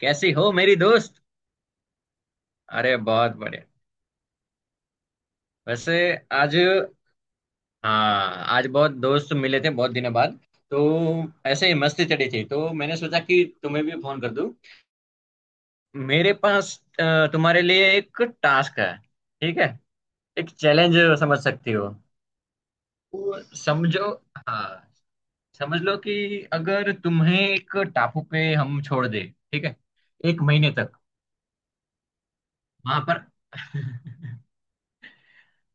कैसी हो मेरी दोस्त। अरे बहुत बढ़िया। वैसे आज, हाँ, आज बहुत दोस्त मिले थे बहुत दिनों बाद। तो ऐसे ही मस्ती चढ़ी थी तो मैंने सोचा कि तुम्हें भी फोन कर दूं। मेरे पास तुम्हारे लिए एक टास्क है। ठीक है। एक चैलेंज समझ सकती हो। तो समझो, हाँ, समझ लो कि अगर तुम्हें एक टापू पे हम छोड़ दे। ठीक है, एक महीने तक। वहां पर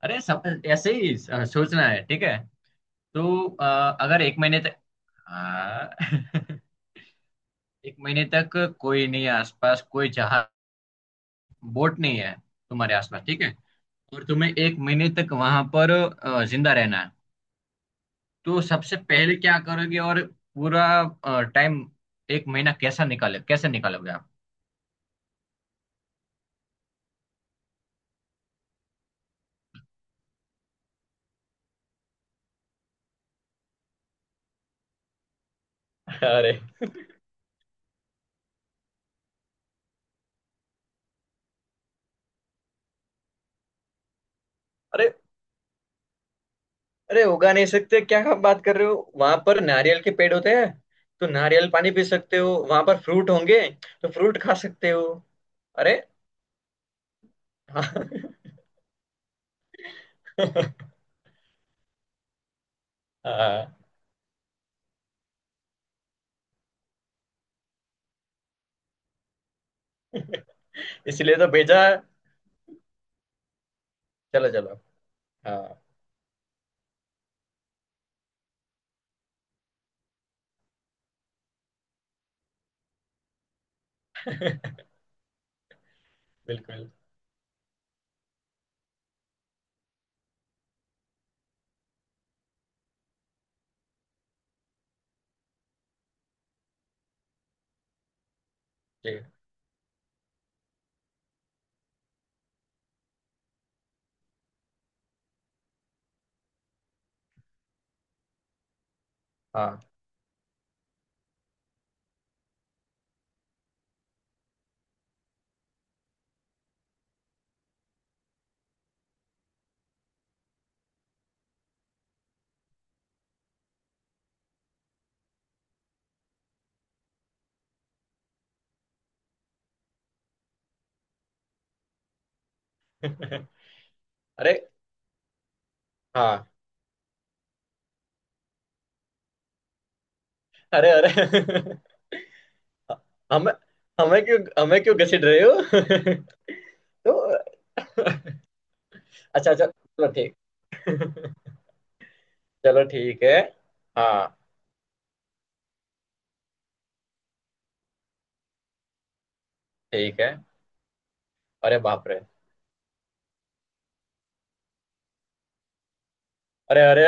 अरे सब ऐसे ही सोचना है। ठीक है। तो अगर एक महीने तक, हाँ एक महीने तक कोई नहीं है आसपास। कोई जहाज, बोट नहीं है तुम्हारे आसपास। ठीक है। और तुम्हें एक महीने तक वहां पर जिंदा रहना है। तो सबसे पहले क्या करोगे? और पूरा टाइम, एक महीना कैसा निकाले, कैसे निकालोगे आप? अरे, अरे। अरे उगा नहीं सकते क्या? आप बात कर रहे हो, वहां पर नारियल के पेड़ होते हैं। तो नारियल पानी पी सकते हो, वहां पर फ्रूट होंगे। तो फ्रूट खा सकते हो। अरे, हाँ हाँ इसलिए तो भेजा है। चलो चलो। हाँ बिल्कुल। जी। हाँ अरे, हाँ। अरे, अरे हमें हमें क्यों हमें क्यों घसीट रहे हो तो अच्छा, अच्छा, चलो ठीक चलो ठीक है। हाँ, ठीक है। अरे बाप रे। अरे, अरे।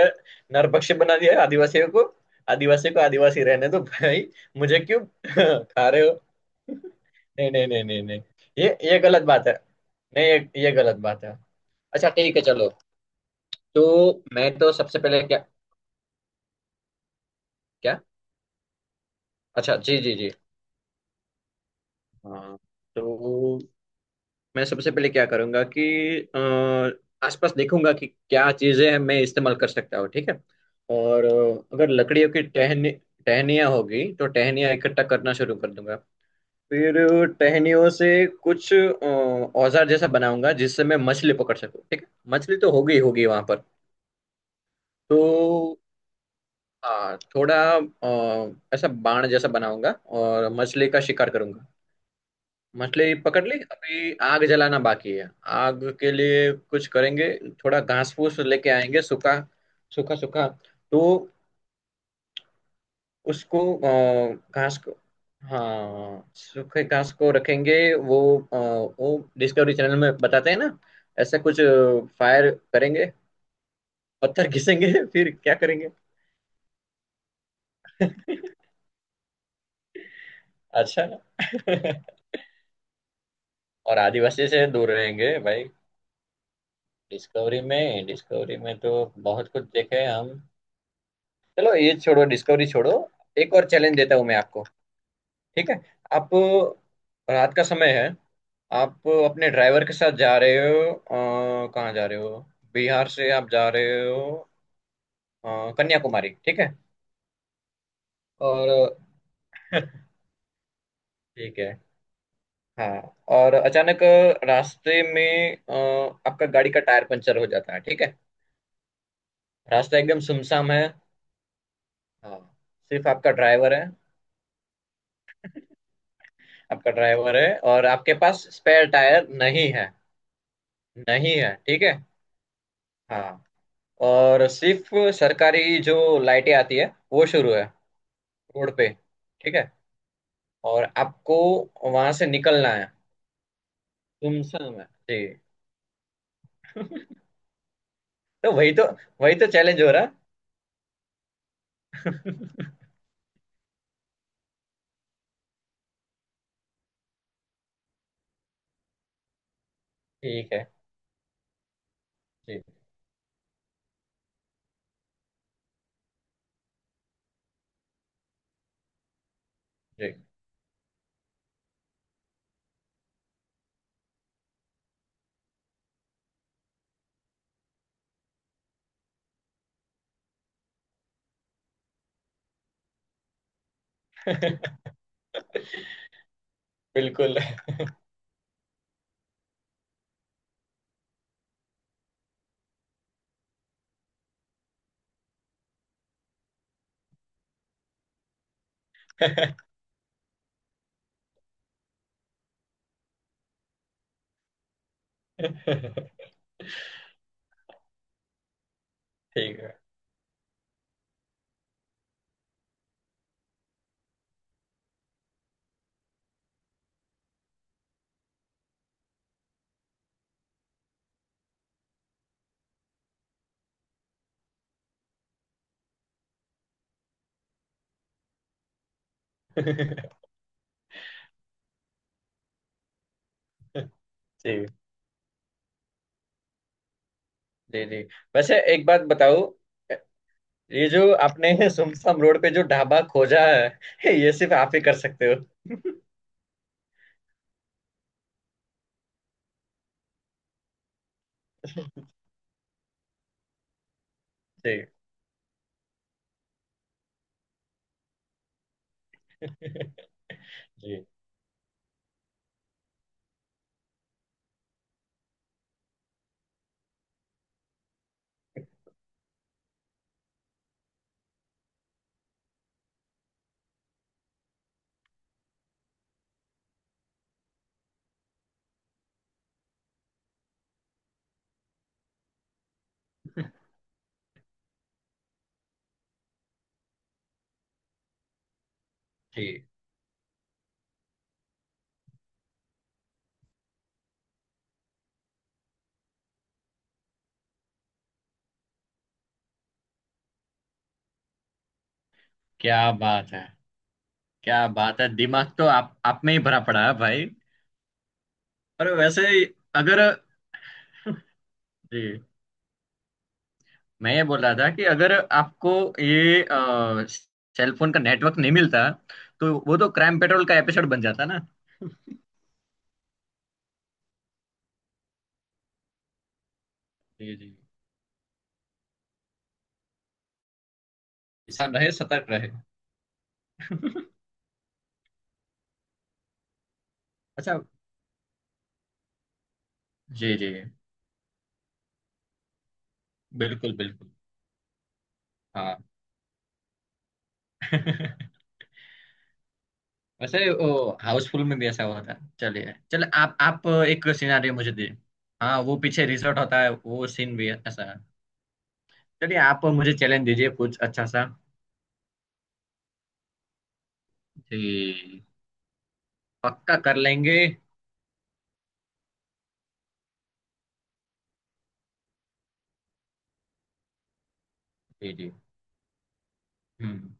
नरभक्षी बना दिया है आदिवासियों को। आदिवासी को आदिवासी रहने दो भाई। मुझे क्यों खा रहे हो? नहीं नहीं नहीं नहीं नहीं, ये गलत बात है। नहीं, ये गलत बात है। अच्छा ठीक है, चलो। तो मैं तो सबसे पहले क्या? क्या? अच्छा, जी जी जी। हाँ, तो मैं सबसे पहले क्या करूंगा कि आसपास देखूंगा कि क्या चीजें हैं मैं इस्तेमाल कर सकता हूँ। ठीक है। और अगर लकड़ियों की टहनी, टहनियाँ होगी तो टहनियाँ इकट्ठा करना शुरू कर दूंगा। फिर टहनियों से कुछ औजार जैसा बनाऊंगा जिससे मैं मछली पकड़ सकूँ। ठीक है। मछली तो होगी, होगी वहां पर। तो हाँ, थोड़ा ऐसा बाण जैसा बनाऊंगा और मछली का शिकार करूंगा। मछली पकड़ ली, अभी आग जलाना बाकी है। आग के लिए कुछ करेंगे। थोड़ा घास फूस लेके आएंगे, सूखा, सूखा, सूखा। तो उसको, घास को, हाँ, सूखे घास को रखेंगे। अ, वो डिस्कवरी चैनल में बताते हैं ना? ऐसा कुछ फायर करेंगे, पत्थर घिसेंगे फिर क्या करेंगे अच्छा और आदिवासी से दूर रहेंगे भाई। डिस्कवरी में तो बहुत कुछ देखे हैं हम। चलो ये छोड़ो, डिस्कवरी छोड़ो। एक और चैलेंज देता हूँ मैं आपको। ठीक है। आप, रात का समय है। आप अपने ड्राइवर के साथ जा रहे हो कहाँ जा रहे हो? बिहार से आप जा रहे हो कन्याकुमारी। ठीक है। और ठीक है। हाँ, और अचानक रास्ते में आपका गाड़ी का टायर पंचर हो जाता है। ठीक है। रास्ता एकदम सुमसाम है। हाँ, सिर्फ आपका ड्राइवर है और आपके पास स्पेयर टायर नहीं है। नहीं है। ठीक है। हाँ, और सिर्फ सरकारी जो लाइटें आती है, वो शुरू है रोड पे। ठीक है। और आपको वहां से निकलना है। गुमसम है जी तो वही तो चैलेंज हो रहा। ठीक है। जी जी बिल्कुल ठीक है जी जी जी। वैसे एक बात बताओ, ये जो आपने सुमसम रोड पे जो ढाबा खोजा है ये सिर्फ आप ही कर सकते हो जी जी जी। क्या बात है! क्या बात है! दिमाग तो आप में ही भरा पड़ा है भाई। और वैसे, अगर, जी, मैं ये बोल रहा था कि अगर आपको ये सेलफोन का नेटवर्क नहीं मिलता तो वो तो क्राइम पेट्रोल का एपिसोड बन जाता ना। जी जी। इंसान रहे, सतर्क रहे अच्छा, जी जी। बिल्कुल, बिल्कुल। हाँ वैसे वो हाउसफुल में भी ऐसा हुआ था। चलिए, चलो आप, एक सिनारियो मुझे दीजिए। हाँ, वो पीछे रिसोर्ट होता है, वो सीन भी ऐसा है। चलिए, आप मुझे चैलेंज दीजिए कुछ अच्छा सा। जी, पक्का कर लेंगे। जी जी। हम्म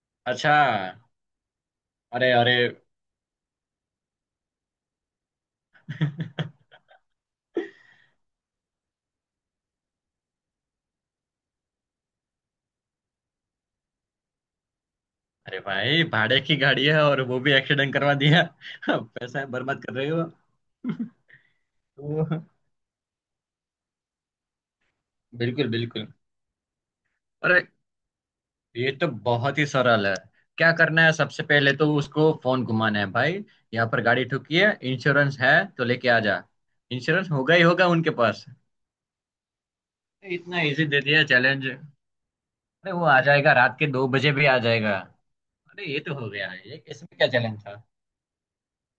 अच्छा। अरे, अरे। अरे भाई, भाड़े की गाड़ी है और वो भी एक्सीडेंट करवा दिया पैसा बर्बाद कर रहे हो। तो बिल्कुल, बिल्कुल। अरे, ये तो बहुत ही सरल है। क्या करना है, सबसे पहले तो उसको फोन घुमाना है भाई। यहाँ पर गाड़ी ठुकी है, इंश्योरेंस है, तो लेके आ जा। इंश्योरेंस होगा ही होगा उनके पास। इतना इजी दे दिया चैलेंज अरे। वो आ जाएगा, रात के 2 बजे भी आ जाएगा। अरे, ये तो हो गया है, ये इसमें क्या चैलेंज था?